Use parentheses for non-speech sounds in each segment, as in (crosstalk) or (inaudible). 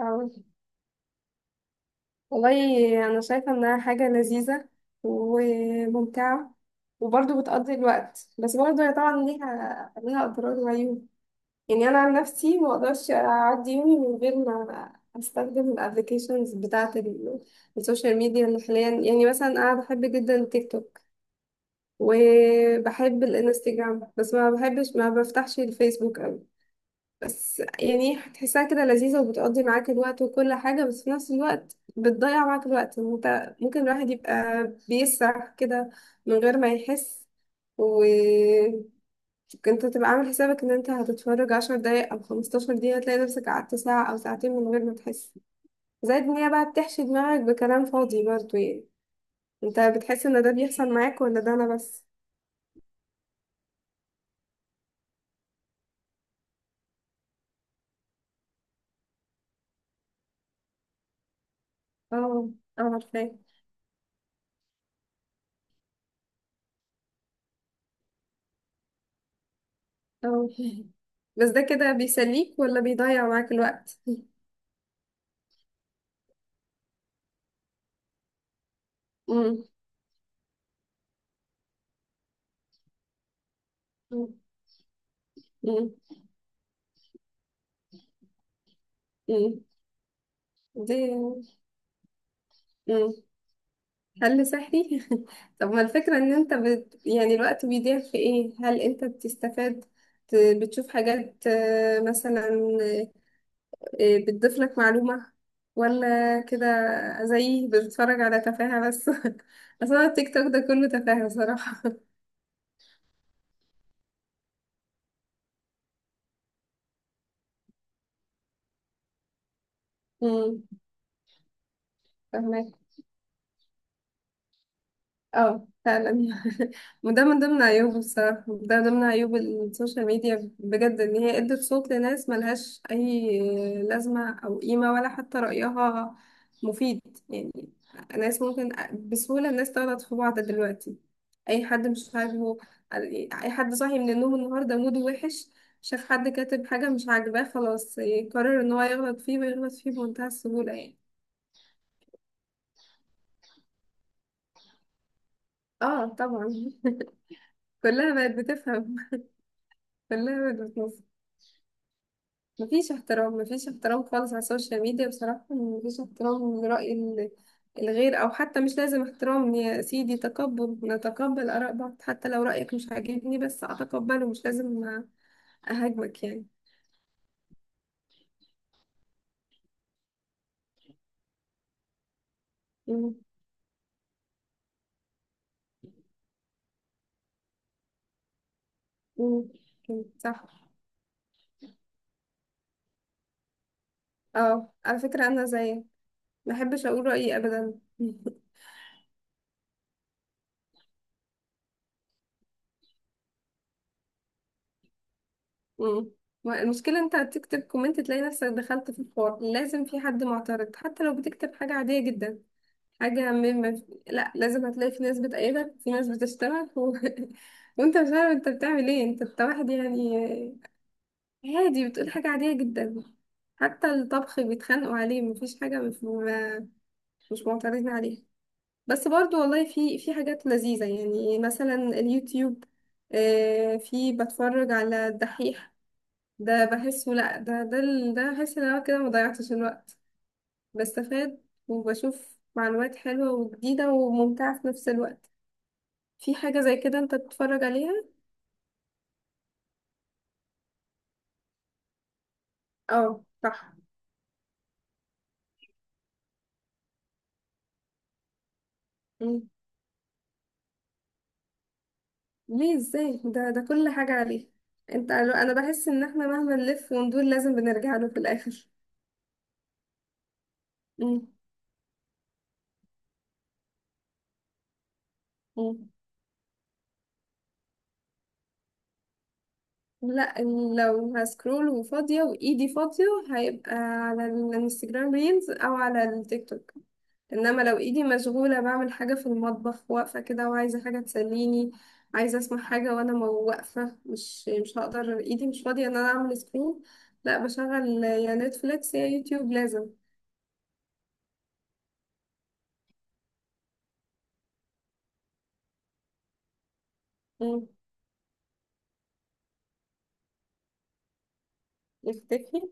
أو والله أنا شايفة إنها حاجة لذيذة، وممتعة، وبرضه بتقضي الوقت. بس برضه هي طبعا ليها أضرار وعيوب. يعني أنا عن نفسي مقدرش أعدي يومي من غير ما أستخدم الأبليكيشنز بتاعة السوشيال ميديا اللي حاليا. يعني مثلا أنا بحب جدا التيك توك وبحب الانستجرام، بس ما بحبش ما بفتحش الفيسبوك. بس يعني هتحسها كده لذيذة وبتقضي معاك الوقت وكل حاجة، بس في نفس الوقت بتضيع معاك الوقت. انت ممكن الواحد يبقى بيسرح كده من غير ما يحس، وكنت تبقى عامل حسابك ان انت هتتفرج 10 دقايق او 15 دقيقة، تلاقي نفسك قعدت ساعة او ساعتين من غير ما تحس. زائد ان هي بقى بتحشي دماغك بكلام فاضي برضه. يعني انت بتحس ان ده بيحصل معاك ولا ده انا بس؟ اه. اه عارفاه. اه (laughs) بس ده كده بيسليك ولا بيضيع معاك الوقت؟ مم. مم. مم. دي. مم. حل سحري. (laughs) طب ما الفكرة ان انت يعني الوقت بيضيع في ايه؟ هل انت بتستفاد؟ بتشوف حاجات، مثلا، بتضيف لك معلومة، ولا كده زي بتتفرج على تفاهة بس؟ (laughs) اصلا التيك توك ده كله تفاهة صراحة. (laughs) مم. فهمك. اه فعلا (laughs) وده من ضمن عيوبه بصراحة، ده من ضمن عيوب السوشيال ميديا بجد، ان هي ادت صوت لناس ملهاش اي لازمة او قيمة، ولا حتى رأيها مفيد يعني. ناس ممكن، بسهولة الناس تغلط في بعض دلوقتي. اي حد مش عاجبه، اي حد صاحي من النوم النهاردة موده وحش شاف حد كاتب حاجة مش عاجباه، خلاص يقرر ان هو يغلط فيه، ويغلط فيه بمنتهى السهولة يعني. اه طبعا (laughs) كلها بقت بتفهم. كلها بقت بتنظر. مفيش احترام، مفيش احترام خالص على السوشيال ميديا بصراحة، مفيش احترام لرأي الغير، أو حتى مش لازم احترام. يا سيدي تقبل، نتقبل آراء بعض حتى لو رأيك مش عاجبني، بس أتقبله مش لازم أهاجمك يعني. مم. مم. مم. صح. اه على فكرة أنا زيك، محبش أقول رأيي أبدا (laughs) مم. المشكلة انت تكتب كومنت، تلاقي نفسك دخلت في الحوار، لازم في حد معترض حتى لو بتكتب حاجة عادية جدا، حاجة من ما في... لا لازم هتلاقي في ناس بتأيدك، في ناس بتشتغل (laughs) وانت مش عارف انت بتعمل ايه، انت واحد يعني عادي بتقول حاجة عادية جدا. حتى الطبخ بيتخانقوا عليه، مفيش حاجة مش مش معترضين عليها. بس برضو والله في حاجات لذيذة، يعني مثلا اليوتيوب، في بتفرج على الدحيح. ده بحسه، لا، ده بحس ان انا كده مضيعتش الوقت. بستفاد وبشوف معلومات حلوة وجديدة وممتعة في نفس الوقت. في حاجة زي كده انت تتفرج عليها؟ اه صح. مم. ليه ازاي؟ ده كل حاجة عليه. انت، انا بحس ان احنا مهما نلف وندور لازم بنرجع له في الاخر. مم. مم. لا. لو هسكرول وفاضية وإيدي فاضية، هيبقى على الانستجرام ريلز أو على التيك توك. إنما لو إيدي مشغولة بعمل حاجة في المطبخ، واقفة كده وعايزة حاجة تسليني، عايزة أسمع حاجة وأنا واقفة، مش هقدر، إيدي مش فاضية إن أنا أعمل سكرول، لا بشغل يا نتفليكس يا يوتيوب لازم. مم. يختفي،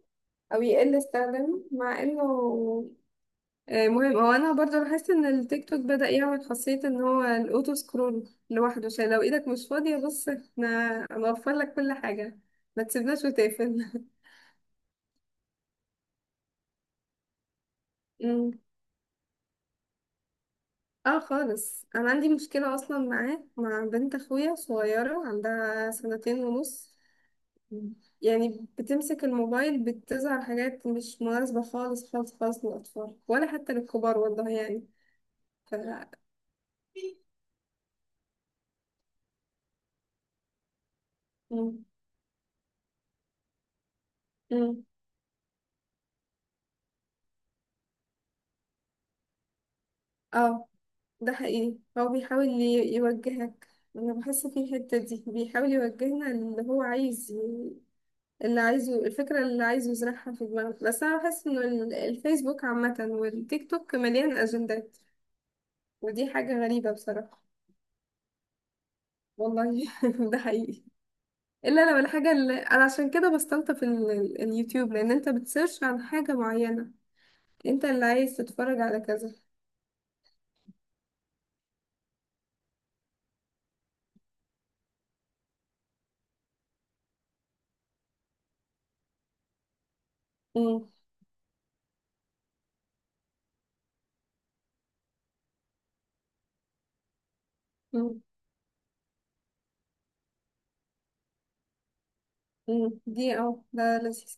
أو يقل استخدامه مع إنه. مهم. هو انا برضه لاحظت ان التيك توك بدأ يعمل خاصية ان هو الاوتو سكرول لوحده، عشان لو ايدك مش فاضية، بص احنا هنوفر لك كل حاجة ما تسيبناش وتقفل (laughs) أمم. اه خالص، انا عندي مشكلة اصلا معاه، مع بنت اخويا صغيرة عندها سنتين ونص. أمم. يعني بتمسك الموبايل، بتظهر حاجات مش مناسبة خالص خالص خالص للأطفال، ولا حتى للكبار والله يعني. ف أمم. أمم. اه ده حقيقي، هو بيحاول يوجهك. انا بحس في الحتة دي بيحاول يوجهنا، اللي هو عايز اللي عايزه، الفكرة اللي عايزه يزرعها في دماغنا. بس انا بحس انه الفيسبوك عامة والتيك توك مليان اجندات، ودي حاجة غريبة بصراحة. والله (laughs) ده حقيقي. الا لو الحاجة اللي انا، عشان كده بستلطف اليوتيوب، لان انت بتسيرش عن حاجة معينة، انت اللي عايز تتفرج على كذا. مم. مم. دي، اه ده لذيذ.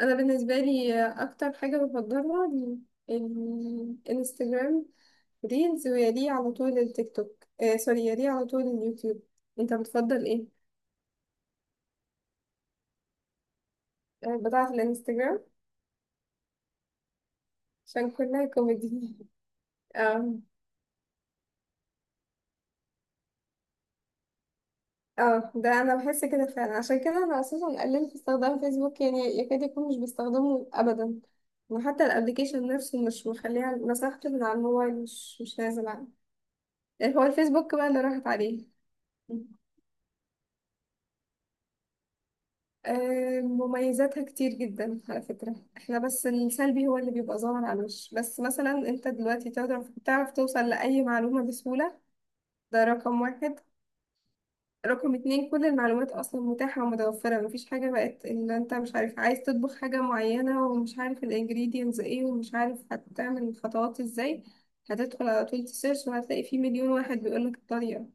انا بالنسبه لي اكتر حاجه بفضلها الانستجرام ريلز، ويليه على طول التيك توك، آه سوري، يليه على طول اليوتيوب. انت بتفضل ايه؟ آه بتاعه الانستجرام؟ عشان كلها كوميدي (laughs) اه. اه ده انا بحس كده فعلا، عشان كده انا اساسا قللت استخدام فيسبوك، يعني يكاد يكون مش بستخدمه ابدا، وحتى الابلكيشن نفسه مش مخليها، مسحته من على الموبايل، مش نازل عنه. هو الفيسبوك بقى اللي راحت عليه. مميزاتها كتير جدا على فكرة احنا، بس السلبي هو اللي بيبقى ظاهر على الوش. بس مثلا انت دلوقتي تعرف توصل لأي معلومة بسهولة، ده رقم واحد. رقم اتنين، كل المعلومات أصلا متاحة ومتوفرة، مفيش حاجة بقت إن أنت مش عارف. عايز تطبخ حاجة معينة ومش عارف الانجريدينتس ايه ومش عارف هتعمل الخطوات ازاي، هتدخل على طول تسيرش وهتلاقي فيه مليون واحد بيقولك الطريقة.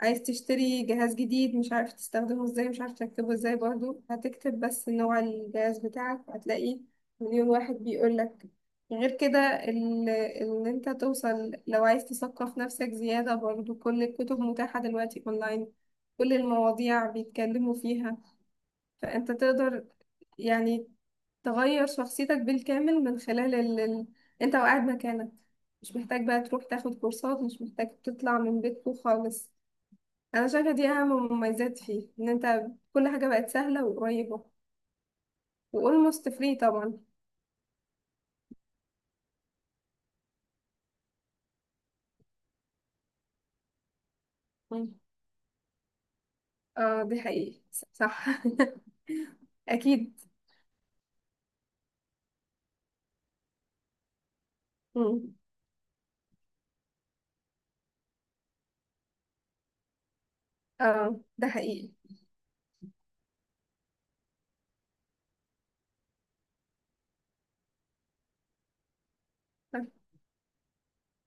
عايز تشتري جهاز جديد مش عارف تستخدمه ازاي، مش عارف تركبه ازاي، برضو هتكتب بس نوع الجهاز بتاعك، هتلاقي مليون واحد بيقولك. غير كده ان انت توصل، لو عايز تثقف نفسك زيادة برضو، كل الكتب متاحة دلوقتي اونلاين، كل المواضيع بيتكلموا فيها. فانت تقدر يعني تغير شخصيتك بالكامل من خلال انت وقاعد مكانك، مش محتاج بقى تروح تاخد كورسات، مش محتاج تطلع من بيتكم خالص. انا شايفه دي اهم مميزات فيه، ان انت كل حاجه بقت سهله وقريبه، واولموست فري طبعا. مم. اه دي حقيقي صح (laughs) اكيد. مم. اه ده حقيقي.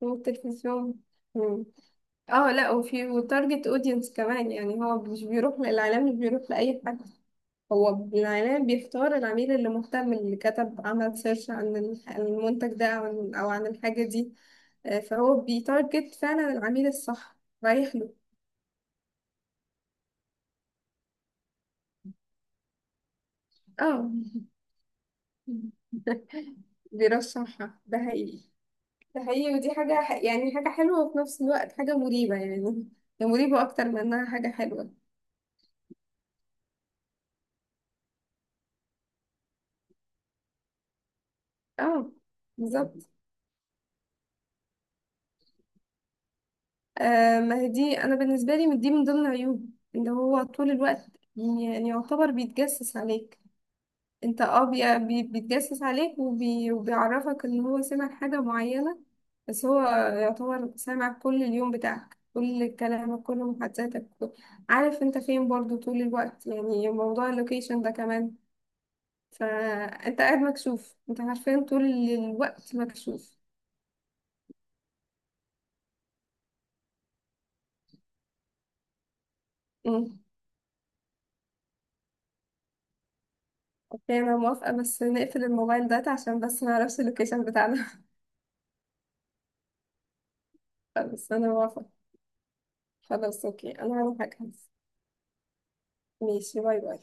والتلفزيون. مم. اه لا، وفي وتارجت اودينس كمان، يعني هو مش بيروح للاعلام مش بيروح لاي حد، هو الاعلام بيختار العميل اللي مهتم، اللي كتب عمل سيرش عن عن المنتج ده، او عن أو عن الحاجه دي. فهو بيتارجت فعلا العميل الصح، رايح له. اه (laughs) بيرشحها، ده حقيقي. ده حقيقي، ودي حاجة يعني حاجة حلوة، وفي نفس الوقت حاجة مريبة يعني، هي مريبة أكتر من إنها حاجة حلوة. اه. بالظبط. آه ما هي دي، أنا بالنسبة لي من دي من ضمن عيوب، إن هو طول الوقت يعني يعتبر بيتجسس عليك. انت اه بيتجسس عليك وبيعرفك ان هو سمع حاجة معينة. بس هو يعتبر سامع كل اليوم بتاعك، كل كلامك، كل محادثاتك، عارف انت فين برضو طول الوقت، يعني موضوع اللوكيشن ده كمان. فانت قاعد مكشوف، انت عارفين طول الوقت مكشوف. امم. اوكي انا موافقة، بس نقفل الموبايل ده عشان بس ما نعرفش اللوكيشن بتاعنا (laughs) بس انا موافقة. خلاص اوكي انا هروح اجهز. ماشي، باي باي.